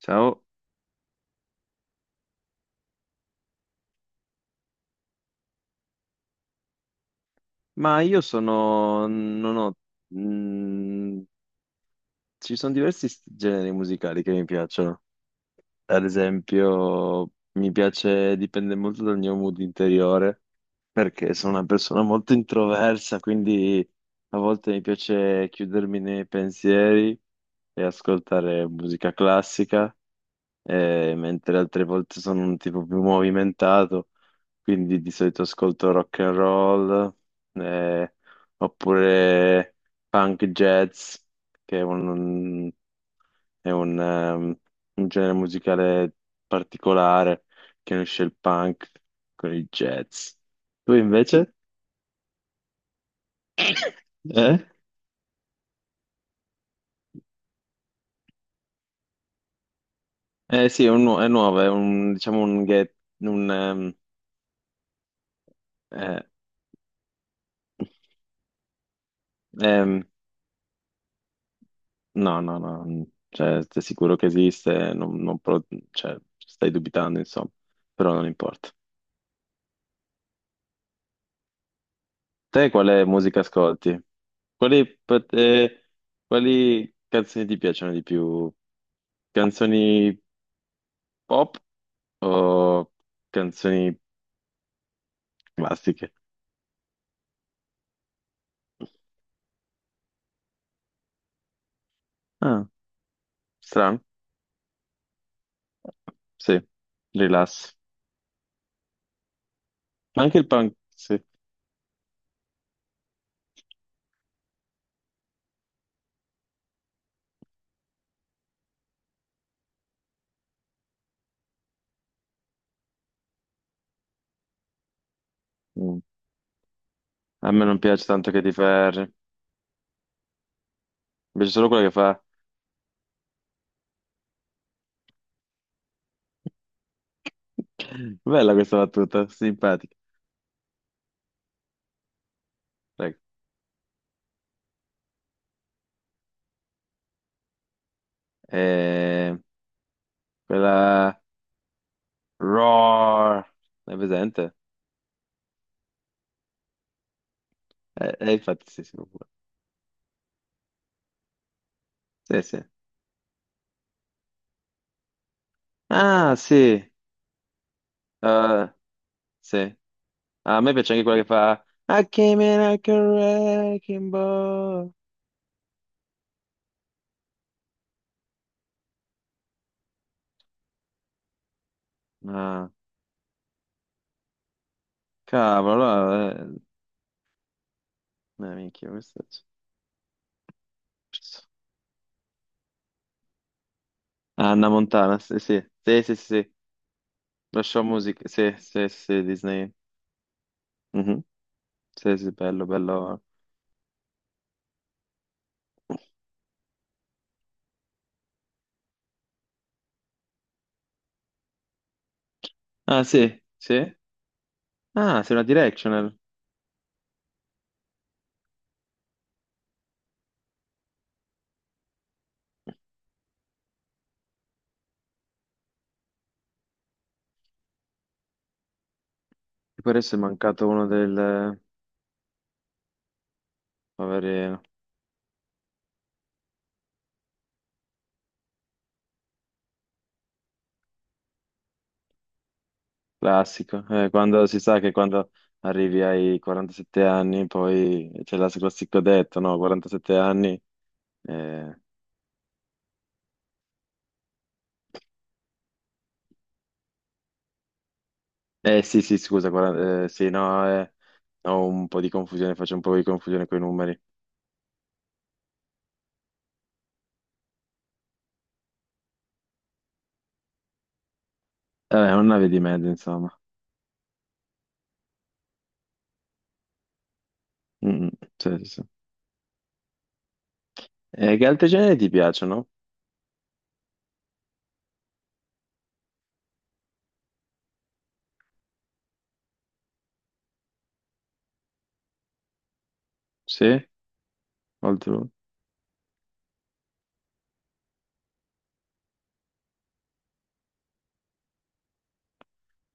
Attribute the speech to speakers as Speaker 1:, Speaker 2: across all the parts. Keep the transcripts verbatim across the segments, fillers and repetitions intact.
Speaker 1: Ciao, ma io sono, non ho, mm, ci sono diversi st- generi musicali che mi piacciono. Ad esempio, mi piace, dipende molto dal mio mood interiore, perché sono una persona molto introversa, quindi a volte mi piace chiudermi nei pensieri e ascoltare musica classica. Eh, mentre altre volte sono un tipo più movimentato, quindi di solito ascolto rock and roll, eh, oppure punk jazz, che è un, è un, ehm, un genere musicale particolare che unisce il punk con il jazz. Tu invece? Eh? Eh sì, è, un nu- è nuovo, è un, diciamo un, get, un ehm, eh, ehm, No, no, no, cioè, sei sicuro che esiste, non, non pro- cioè, stai dubitando, insomma, però non importa. Te quale musica ascolti? Quali, per te- quali canzoni ti piacciono di più? Canzoni pop o canzoni classiche? Ah, strano, sì, rilass. Ma anche il punk, sì. Mm. A me non piace tanto che ti ferri, invece solo quella che fa... Bella questa battuta, simpatica. Prego. Eh, quella Roar, è presente? Eh, eh, infatti sì, sì, pure. Sì, sì. Ah, sì. Eh, sì. Ah, a me piace anche quella che fa I came in like a wrecking ball. Ah, cavolo, allora, eh, eh, minchia, questo c'è. Anna Montana, sì, sì, sì, sì, sì, sì. Lo show music, sì, sì, sì, Disney. Mhm. Sì, sì, bello, bello. Ah, sì, sì. Ah, sei una directional. Mi pare sia mancato uno del poverino, classico. Eh, quando si sa che quando arrivi ai quarantasette anni poi c'è la classico detto, no, quarantasette anni, eh, eh, sì sì scusa, quaranta eh, sì no, eh, ho un po' di confusione, faccio un po' di confusione con i numeri, eh, è una via di mezzo insomma. Mm, mm, sì, sì, sì. E che altri generi ti piacciono? Sì, oltre...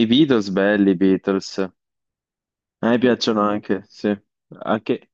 Speaker 1: I Beatles belli, i Beatles, a me piacciono anche, sì. Anche,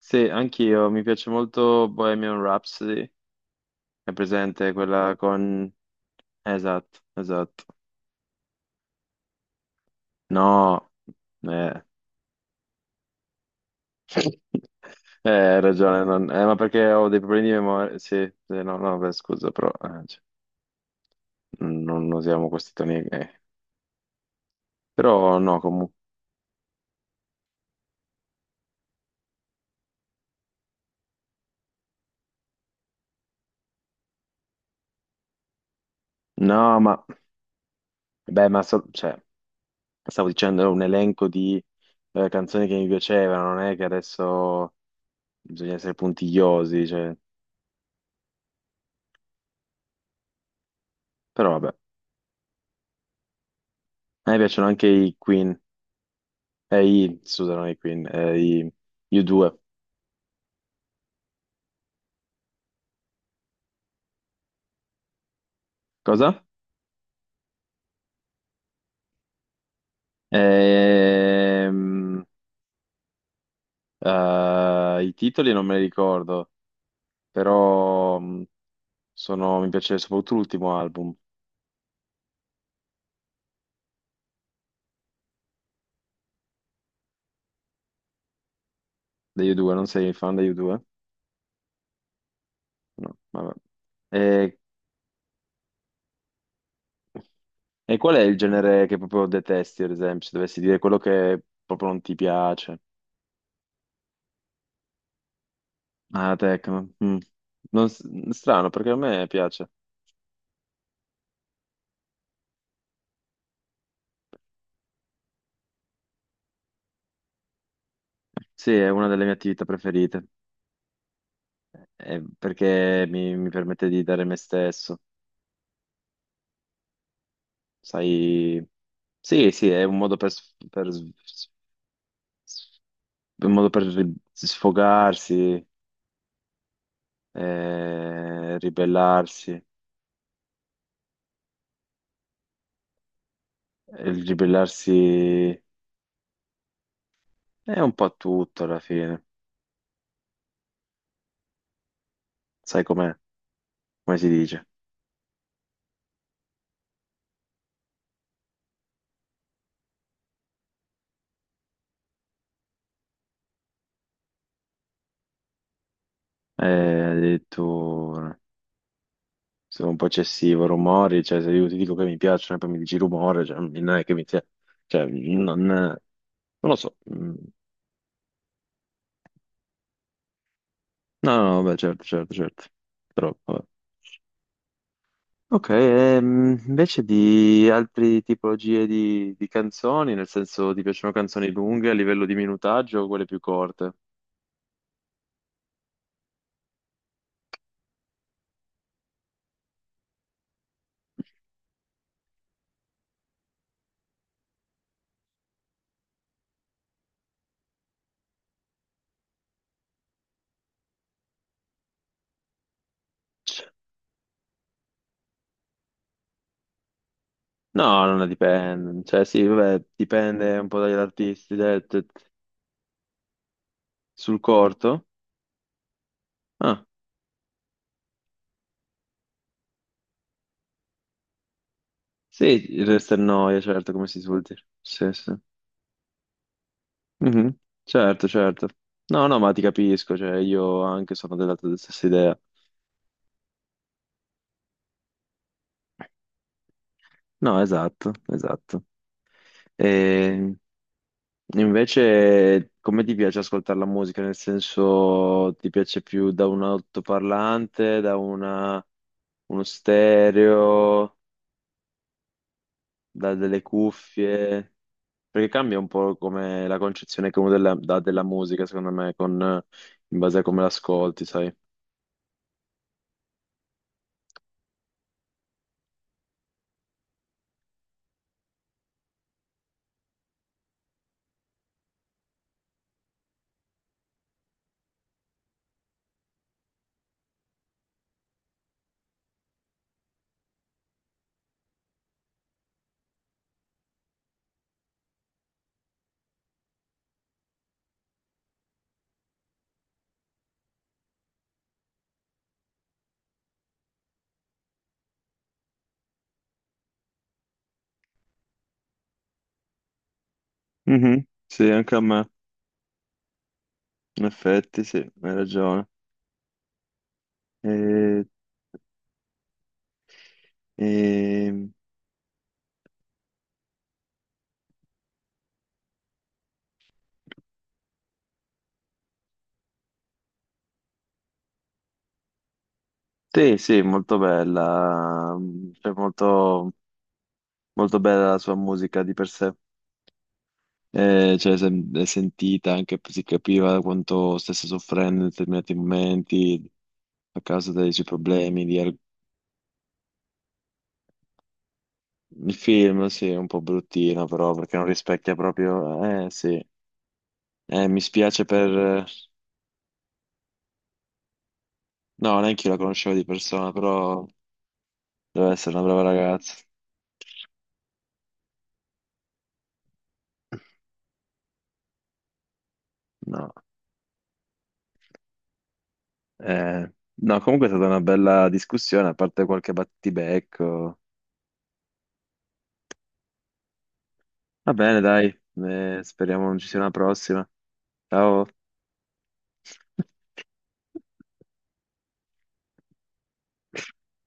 Speaker 1: sì, anch'io, mi piace molto Bohemian Rhapsody, è presente quella con... Esatto, esatto. No, eh, Eh, hai ragione, non- eh, ma perché ho dei problemi di memoria, sì, sì, no, no, beh, scusa, però eh, cioè, non usiamo questi toni, eh. Però no, comunque, no, ma, beh, ma so- cioè, stavo dicendo, è un elenco di eh, canzoni che mi piacevano, non è che adesso bisogna essere puntigliosi, cioè, però vabbè. A me piacciono anche i Queen. Ehi, scusami, Queen, ehi, you due. Cosa? Ehm, eh, I titoli non me li ricordo, però mh, sono- mi piace soprattutto l'ultimo album degli U due, non sei fan degli U due? No, vabbè. E, e qual è il genere che proprio detesti, ad esempio, se dovessi dire quello che proprio non ti piace? Ah, techno. Mm. Non s- strano, perché a me piace. Sì, è una delle mie attività preferite. Eh, perché mi, mi permette di dare me stesso, sai? Sì, sì, è un modo per, s- per s- s- un modo per ri- sfogarsi, eh, ribellarsi. E il ribellarsi è un po' tutto alla fine, sai com'è? Come si dice? Eh, addirittura sono un po' eccessivo, rumori, cioè se io ti dico che mi piacciono e poi mi dici rumore, cioè, non è che mi sia... Cioè, non, non lo so, mm, no, no, beh, certo, certo, certo. Troppo. Eh. Ok, ehm, invece di altre tipologie di, di canzoni, nel senso ti piacciono canzoni lunghe a livello di minutaggio o quelle più corte? No, non dipende. Cioè, sì, vabbè, dipende un po' dagli artisti. Dai, t- t- sul corto? Ah, sì, resta il noia, certo, come si suol dire. Sì, sì. Mhm, certo, certo. No, no, ma ti capisco, cioè, io anche sono della tua stessa idea. No, esatto, esatto. Ehm, Invece, come ti piace ascoltare la musica? Nel senso, ti piace più da un altoparlante, da una- uno stereo, da delle cuffie? Perché cambia un po' come la concezione che uno della, dà della musica, secondo me, con- in base a come l'ascolti, sai? Mhm, sì, anche a me, in effetti, sì, hai ragione. E, e- Sì, sì, molto bella, cioè molto molto bella la sua musica di per sé, eh, cioè sem- è sentita, anche si capiva quanto stesse soffrendo in determinati momenti a causa dei suoi problemi. di al- Il film, sì, è un po' bruttino però perché non rispecchia proprio... Eh sì, eh, mi spiace per... No, neanche io la conoscevo di persona, però deve essere una brava ragazza. No, eh, no, comunque è stata una bella discussione, a parte qualche battibecco. Va bene, dai, eh, speriamo non ci sia una prossima. Ciao.